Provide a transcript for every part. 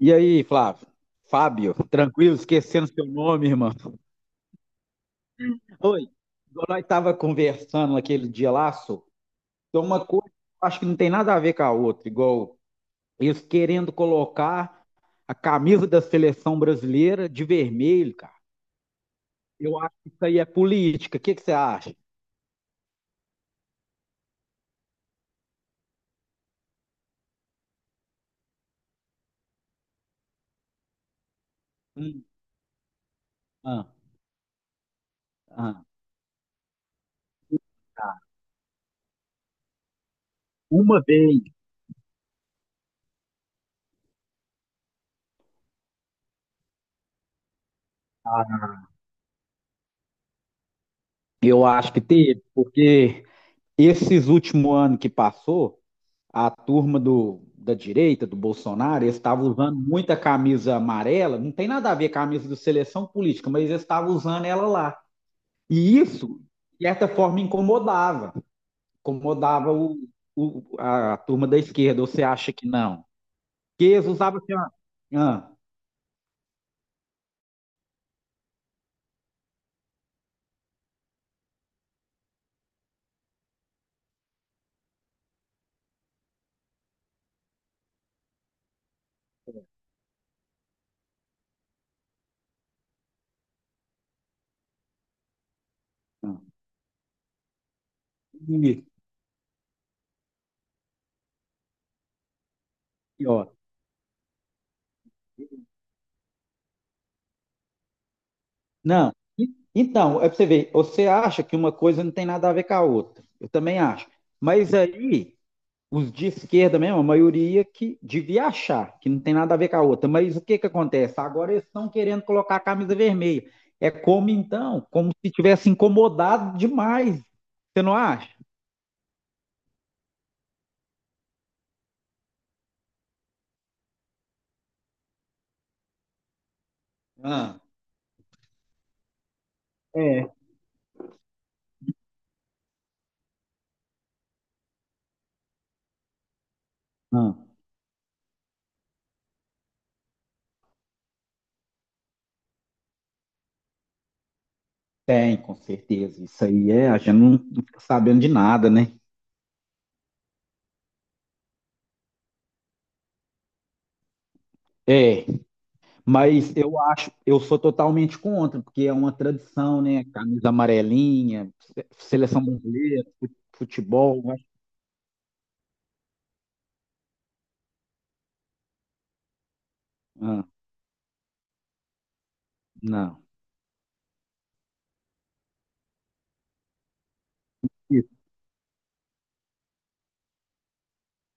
E aí, Flávio? Fábio, tranquilo, esquecendo seu nome, irmão. Oi, igual nós estava conversando naquele dia lá, só, tem uma coisa que eu acho que não tem nada a ver com a outra, igual eles querendo colocar a camisa da seleção brasileira de vermelho, cara. Eu acho que isso aí é política. O que que você acha? Hum. Ah. Ah, tá. Uma vez. Eu acho que teve, porque esses últimos anos que passou, a turma do, da direita, do Bolsonaro, eles estavam usando muita camisa amarela, não tem nada a ver com a camisa do seleção política, mas eles estavam usando ela lá. E isso, de certa forma, incomodava. Incomodava a turma da esquerda, ou você acha que não? Porque eles usavam assim, ó. Ah. Ah, isso, e ó. Não. Então, é pra você ver, você acha que uma coisa não tem nada a ver com a outra. Eu também acho. Mas aí, os de esquerda mesmo, a maioria que devia achar que não tem nada a ver com a outra. Mas o que, que acontece? Agora eles estão querendo colocar a camisa vermelha. É como então, como se tivesse incomodado demais. Você não acha? Ah. É. Ah, tem, com certeza. Isso aí é, a gente não fica sabendo de nada, né? É, mas eu acho, eu sou totalmente contra, porque é uma tradição, né? Camisa amarelinha, seleção brasileira, futebol. Eu acho- Ah, não.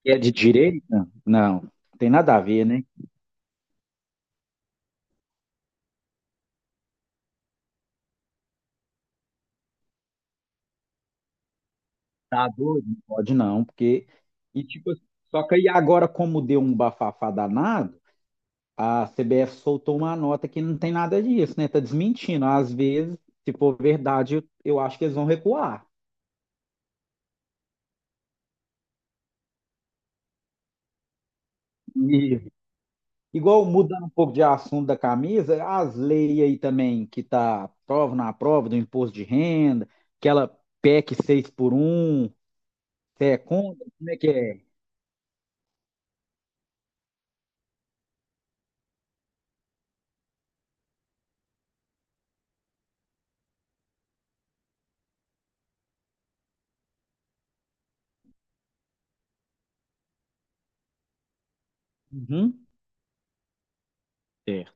Que é de direita? Não, tem nada a ver, né? Tá doido? Não pode não, porque. E tipo, assim, só que aí agora, como deu um bafafá danado, a CBF soltou uma nota que não tem nada disso, né? Tá desmentindo. Às vezes, se for verdade, eu acho que eles vão recuar. E, igual mudando um pouco de assunto da camisa, as leis aí também que tá prova na prova do imposto de renda, aquela PEC 6 por um, você é contra? Como é que é? Uhum. Certo.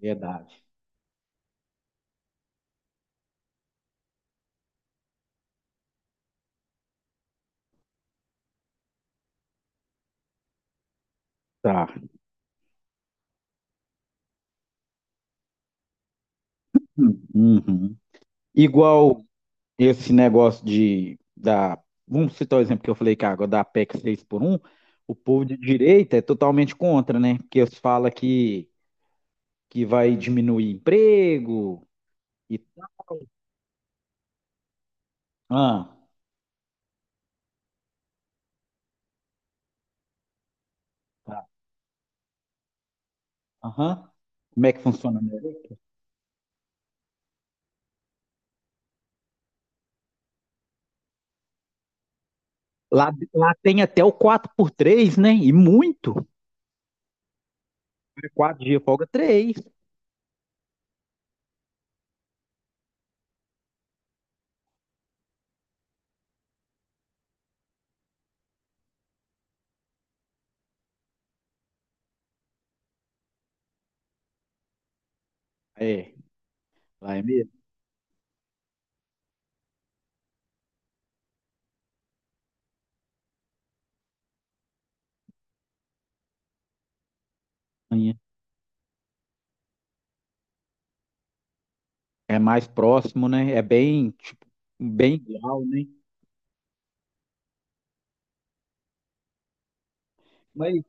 Verdade. Tá. Hum. Uhum. Igual esse negócio de da. Vamos citar o exemplo que eu falei que agora da PEC 6 por um o povo de direita é totalmente contra, né? Porque eles falam que vai diminuir emprego e tal. Ah, tá. Aham. Como é que funciona? Né? Lá tem até o quatro por três, né? E muito. Quatro dias folga três. É, lá é mesmo. É mais próximo, né? É bem, tipo, bem igual, né? Mas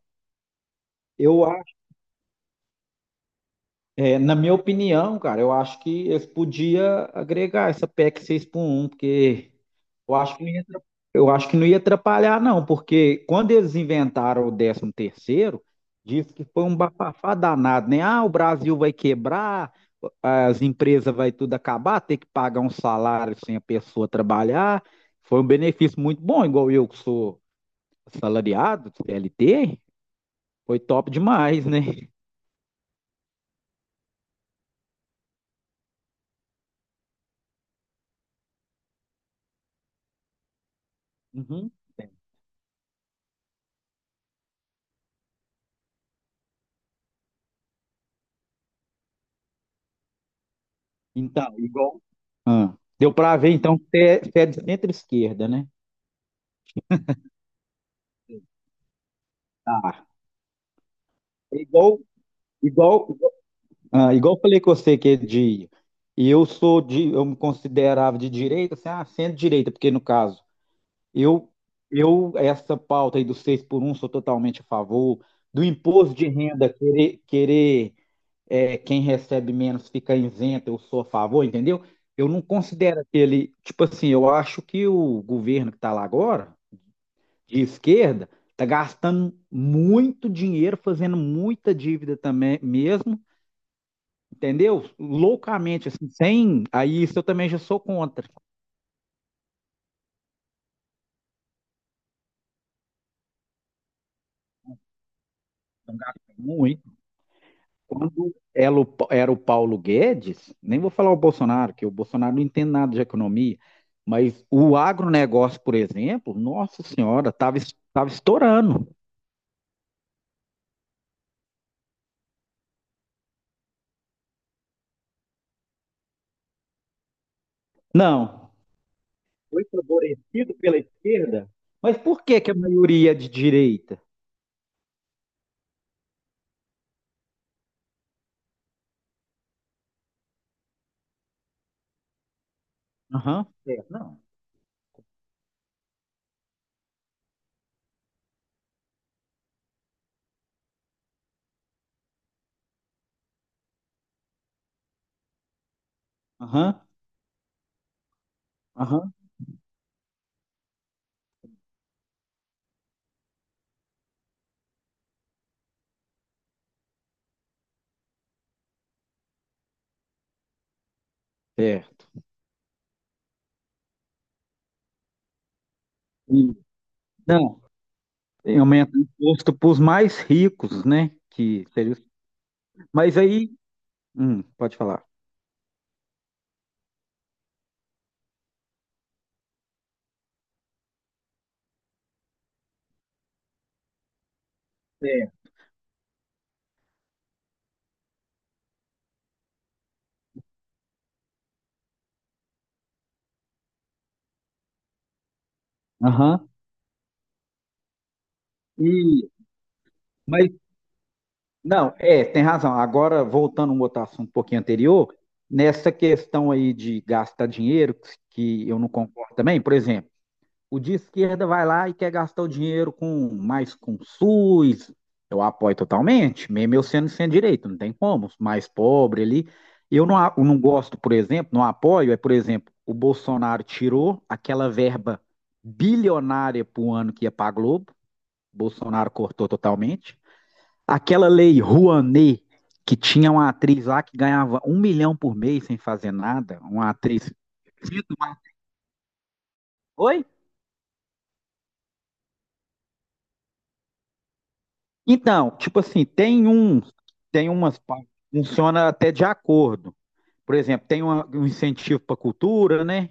eu acho, é, na minha opinião, cara, eu acho que eles podiam agregar essa PEC seis por um porque eu acho que não ia, atra- eu acho que não ia atrapalhar, não, porque quando eles inventaram o décimo terceiro, disse que foi um bafafá danado, né? Ah, o Brasil vai quebrar, as empresas vai tudo acabar, ter que pagar um salário sem a pessoa trabalhar. Foi um benefício muito bom, igual eu que sou assalariado, CLT, foi top demais, né? Uhum. Então, igual. Ah, deu para ver, então, que você é de centro-esquerda, né? Tá. É. Igual, ah, igual eu falei com você que é de. E eu sou de. Eu me considerava de direita, assim, ah, centro-direita, porque no caso, eu, essa pauta aí do 6 por um sou totalmente a favor. Do imposto de renda, querer, é, quem recebe menos fica isento, eu sou a favor, entendeu? Eu não considero aquele. Tipo assim, eu acho que o governo que está lá agora, de esquerda, está gastando muito dinheiro, fazendo muita dívida também mesmo, entendeu? Loucamente, assim, sem. Aí isso eu também já sou contra. Então, gasta muito. Quando era o Paulo Guedes, nem vou falar o Bolsonaro, que o Bolsonaro não entende nada de economia, mas o agronegócio, por exemplo, nossa senhora, estava estourando. Não, foi favorecido pela esquerda, mas por que, que a maioria é de direita? Aham, é, não. Aham. Aham, é. E, não, e aumenta o imposto para os mais ricos, né? Que seria, os- mas aí, pode falar. É. Aham. E, mas não, é, tem razão. Agora, voltando a um outro assunto um pouquinho anterior, nessa questão aí de gastar dinheiro, que eu não concordo também, por exemplo. O de esquerda vai lá e quer gastar o dinheiro com mais com SUS. Eu apoio totalmente, mesmo eu sendo sem direito, não tem como, mais pobre ali. Eu não gosto, por exemplo, não apoio, é, por exemplo, o Bolsonaro tirou aquela verba bilionária para o ano que ia para a Globo, Bolsonaro cortou totalmente. Aquela Lei Rouanet, que tinha uma atriz lá que ganhava 1 milhão por mês sem fazer nada, uma atriz. Oi? Então, tipo assim, tem umas partes que funciona até de acordo. Por exemplo, tem um incentivo para cultura, né?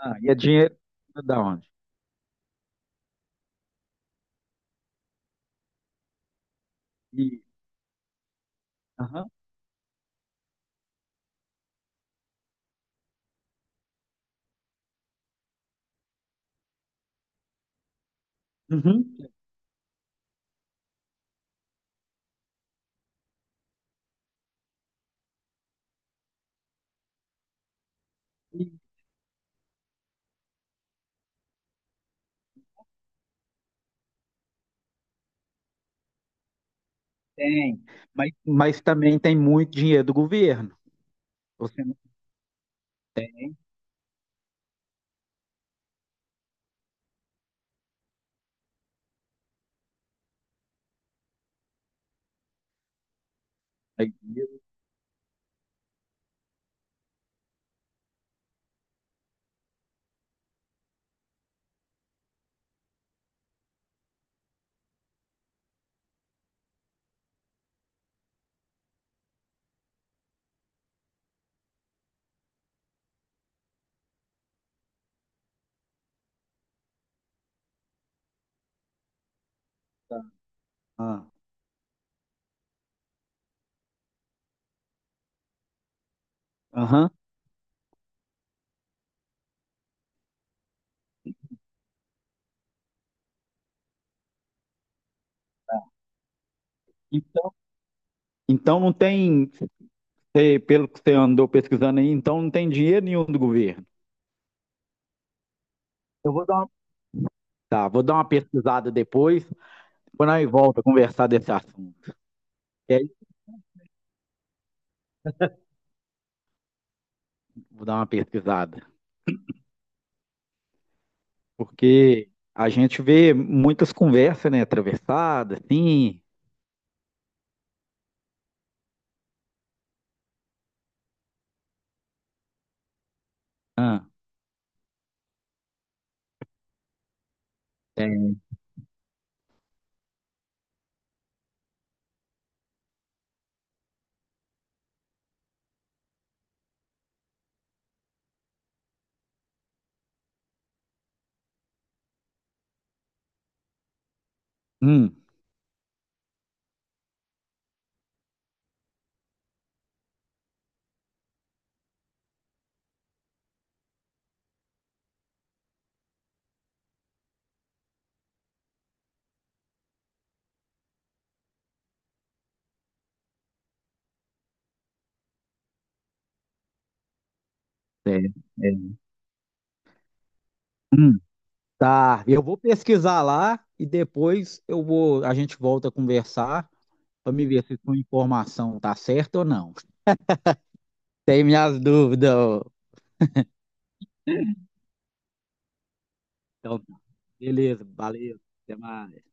Ah, e é dinheiro da onde? E, aham, uhum, e tem, mas também tem muito dinheiro do governo. Você não tem aí dinheiro. Tá. Ah, aham. Então, não tem, pelo que você andou pesquisando aí, então não tem dinheiro nenhum do governo. Eu vou dar uma, tá, vou dar uma pesquisada depois, quando nós volta a conversar desse assunto. É. Vou dar uma pesquisada. Porque a gente vê muitas conversas, né? Atravessadas, assim. Ah, tem. Hum, tem. tem. Hum. Tá, eu vou pesquisar lá e depois eu vou, a gente volta a conversar para me ver se sua informação tá certa ou não. Tem minhas dúvidas. Então, tá. Beleza, valeu. Até mais.